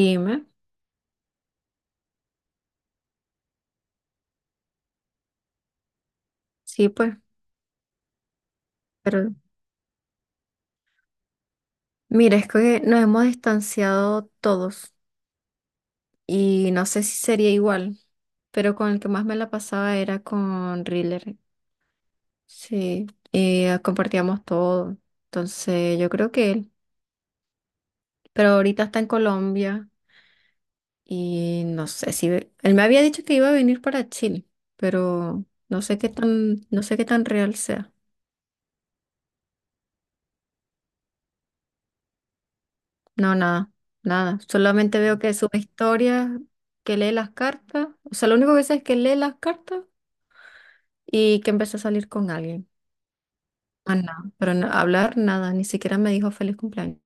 Dime, sí, pues, pero mira, es que nos hemos distanciado todos y no sé si sería igual, pero con el que más me la pasaba era con Riller, sí, y compartíamos todo, entonces yo creo que él, pero ahorita está en Colombia y no sé si, él me había dicho que iba a venir para Chile, pero no sé qué tan, no sé qué tan real sea. No, nada, nada. Solamente veo que sube historias, que lee las cartas. O sea, lo único que sé es que lee las cartas y que empezó a salir con alguien. Ah, nada. Pero hablar, nada. Ni siquiera me dijo feliz cumpleaños.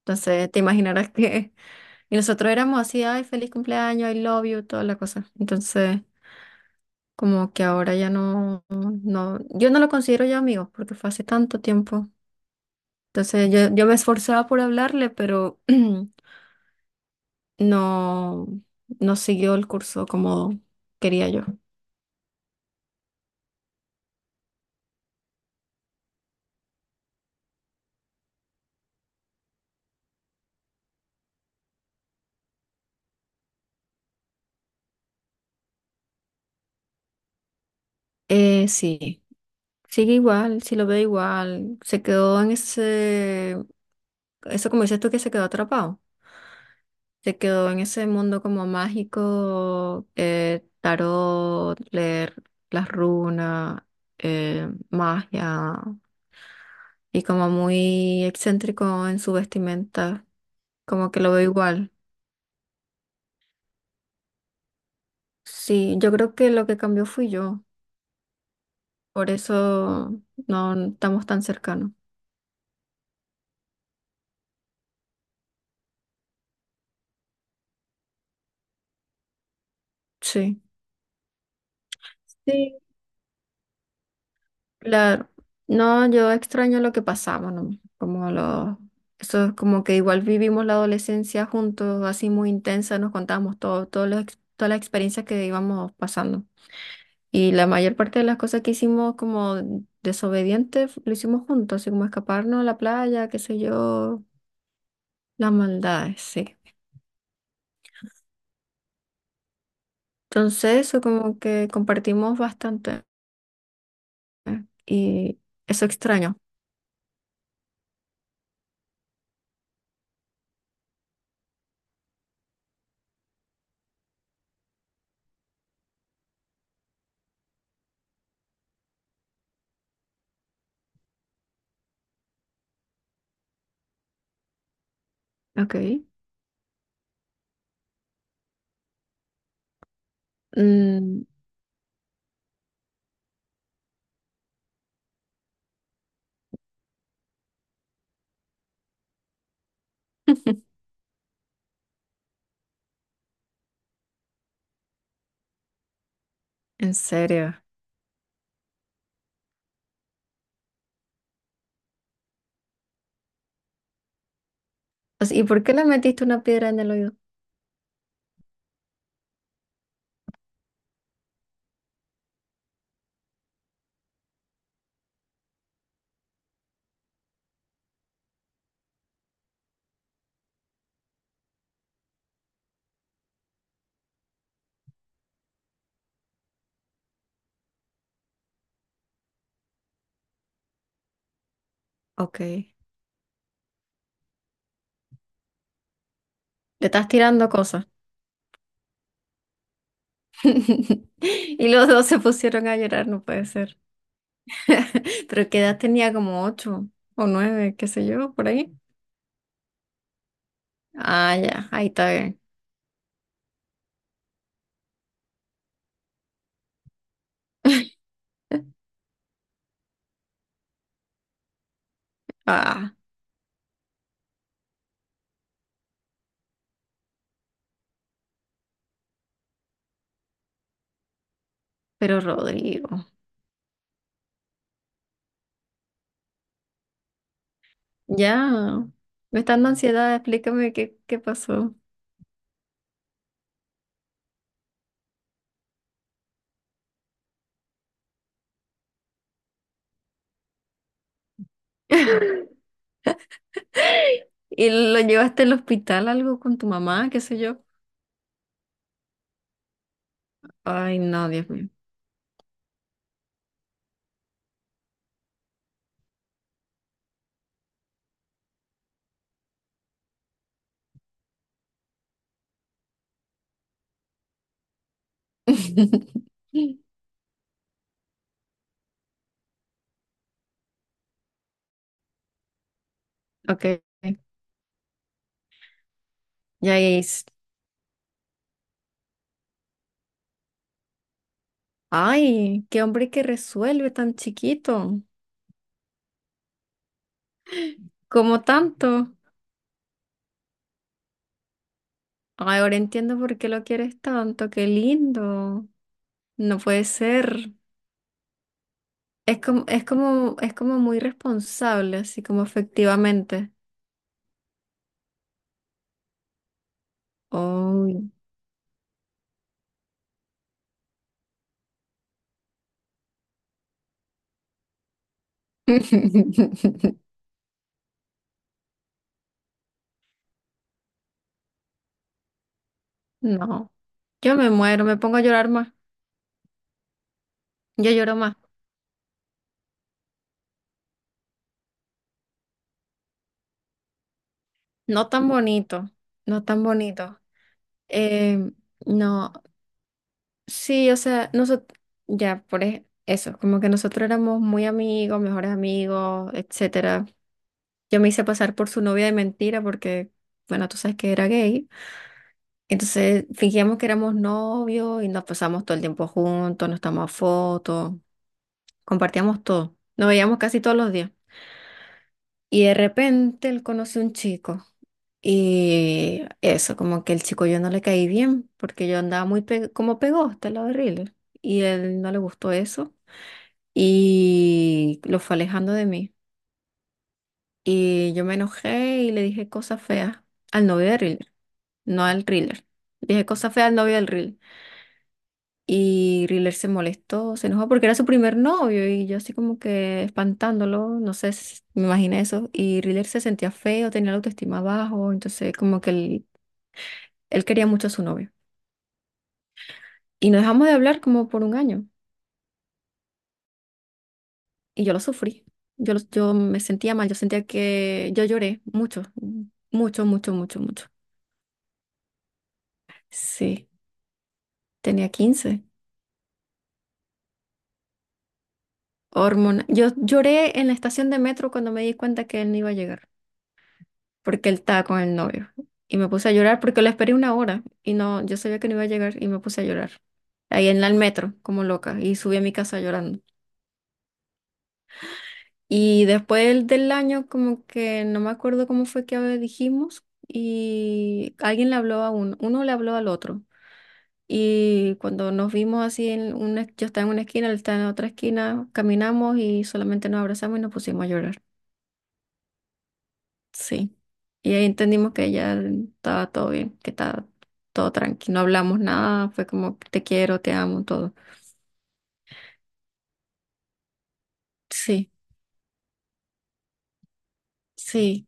Entonces, te imaginarás que... Y nosotros éramos así, ay, feliz cumpleaños, I love you, toda la cosa. Entonces, como que ahora ya no... no... Yo no lo considero ya amigos porque fue hace tanto tiempo. Entonces, yo me esforzaba por hablarle, pero... no, no siguió el curso como quería yo. Sí, sigue igual, sí lo veo igual. Se quedó en ese, eso como dices tú que se quedó atrapado. Se quedó en ese mundo como mágico, tarot, leer las runas, magia, y como muy excéntrico en su vestimenta, como que lo veo igual. Sí, yo creo que lo que cambió fui yo. Por eso no estamos tan cercanos. Sí. Sí, claro. No, yo extraño lo que pasamos, ¿no? Como lo. Eso es como que igual vivimos la adolescencia juntos, así muy intensa, nos contábamos todo, todas las experiencias que íbamos pasando. Y la mayor parte de las cosas que hicimos como desobedientes lo hicimos juntos, así como escaparnos a la playa, qué sé yo, las maldades, sí. Entonces, eso como que compartimos bastante y eso extraño. Ok. Mm, en serio. O sea, ¿y por qué le metiste una piedra en el oído? Ok. Le estás tirando cosas. Y los dos se pusieron a llorar, no puede ser. Pero qué edad tenía, como ocho o nueve, qué sé yo, por ahí. Ah, ya, ahí está bien. Ah, pero Rodrigo, ya. Me está dando ansiedad, explícame qué, qué pasó. ¿Y lo llevaste al hospital algo con tu mamá, qué sé yo? Ay, no, Dios mío. Ok, ya es. Ay, qué hombre que resuelve tan chiquito. Como tanto. Ay, ahora entiendo por qué lo quieres tanto. Qué lindo. No puede ser. Es como, es como, es como muy responsable, así como efectivamente. Oh. No. Yo me muero, me pongo a llorar más. Yo lloro más. No tan bonito. No tan bonito. Eh, no. Sí, o sea, nosotros, ya, eso, como que nosotros éramos muy amigos, mejores amigos, etcétera. Yo me hice pasar por su novia de mentira porque, bueno, tú sabes que era gay. Entonces fingíamos que éramos novios y nos pasamos todo el tiempo juntos, nos tomamos fotos, compartíamos todo. Nos veíamos casi todos los días. Y de repente él conoció un chico. Y eso, como que el chico yo no le caí bien porque yo andaba como pegosta, la horrible. Y él no le gustó eso, y lo fue alejando de mí. Y yo me enojé y le dije cosas feas al novio de Riller, no al Riller. Dije cosas feas al novio del Riller. Y Riller se molestó, se enojó porque era su primer novio y yo así como que espantándolo, no sé, me imaginé eso. Y Riller se sentía feo, tenía la autoestima bajo, entonces como que él quería mucho a su novio. Y nos dejamos de hablar como por un año y yo lo sufrí. Yo me sentía mal, yo sentía que yo lloré mucho, mucho, mucho, mucho, mucho. Sí, tenía 15. Hormona. Yo lloré en la estación de metro cuando me di cuenta que él no iba a llegar, porque él estaba con el novio. Y me puse a llorar porque lo esperé una hora y no, yo sabía que no iba a llegar y me puse a llorar. El metro, como loca, y subí a mi casa llorando. Y después del año, como que no me acuerdo cómo fue que dijimos, y alguien le habló a uno, uno le habló al otro. Y cuando nos vimos así, en una, yo estaba en una esquina, él estaba en otra esquina, caminamos y solamente nos abrazamos y nos pusimos a llorar. Sí. Y ahí entendimos que ya estaba todo bien, que estaba todo tranquilo. No hablamos nada, fue como te quiero, te amo, todo. Sí, sí.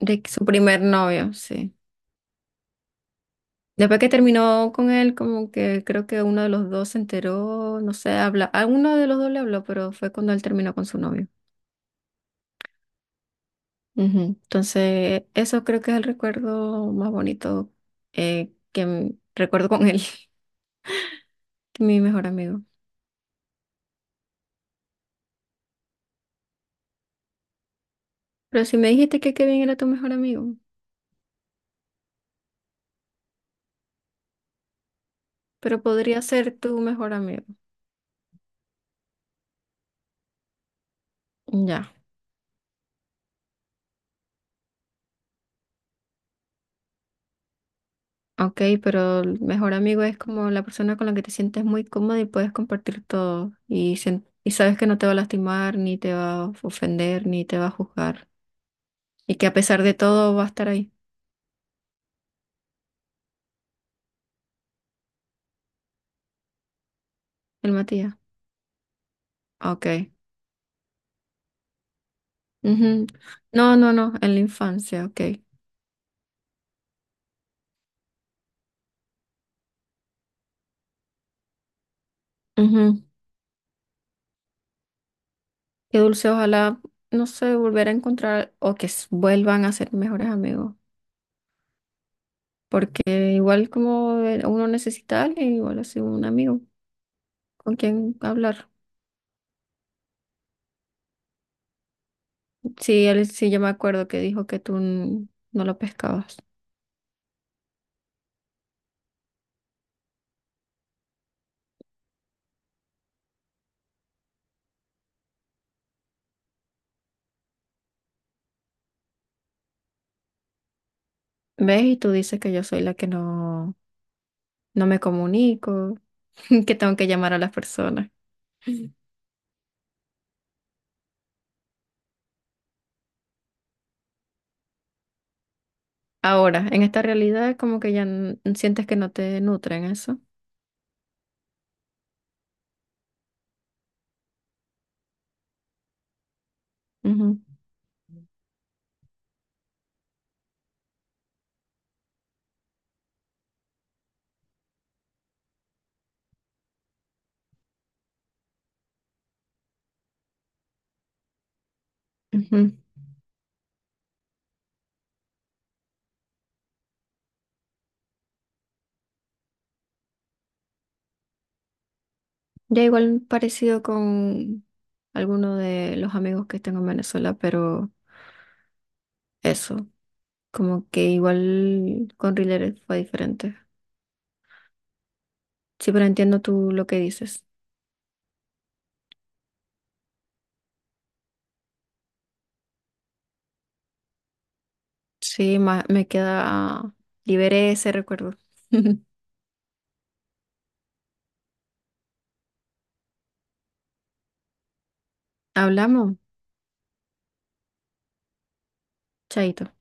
De que su primer novio, sí. Después que terminó con él, como que creo que uno de los dos se enteró, no sé, habla, a uno de los dos le habló, pero fue cuando él terminó con su novio. Ujú. Entonces, eso creo que es el recuerdo más bonito recuerdo con él, mi mejor amigo. Pero si me dijiste que Kevin era tu mejor amigo, pero podría ser tu mejor amigo. Ya, ok, pero el mejor amigo es como la persona con la que te sientes muy cómodo y puedes compartir todo y, y sabes que no te va a lastimar, ni te va a ofender, ni te va a juzgar. Y que a pesar de todo va a estar ahí, el Matías. Ok. Ujú. No, no, no, en la infancia, ok. Ujú. Qué dulce, ojalá, no sé, volver a encontrar o que vuelvan a ser mejores amigos, porque igual como uno necesita a alguien, igual así un amigo con quien hablar. Sí, él, sí, yo me acuerdo que dijo que no lo pescabas. ¿Ves? Y tú dices que yo soy la que no, no me comunico, que tengo que llamar a las personas. Ahora, en esta realidad como que sientes que no te nutren eso. Ujú, ujú. Ya igual parecido con alguno de los amigos que tengo en Venezuela, pero eso, como que igual con Rileres fue diferente. Sí, pero entiendo tú lo que dices. Sí, me queda, ah, liberé ese recuerdo. Hablamos, chaito.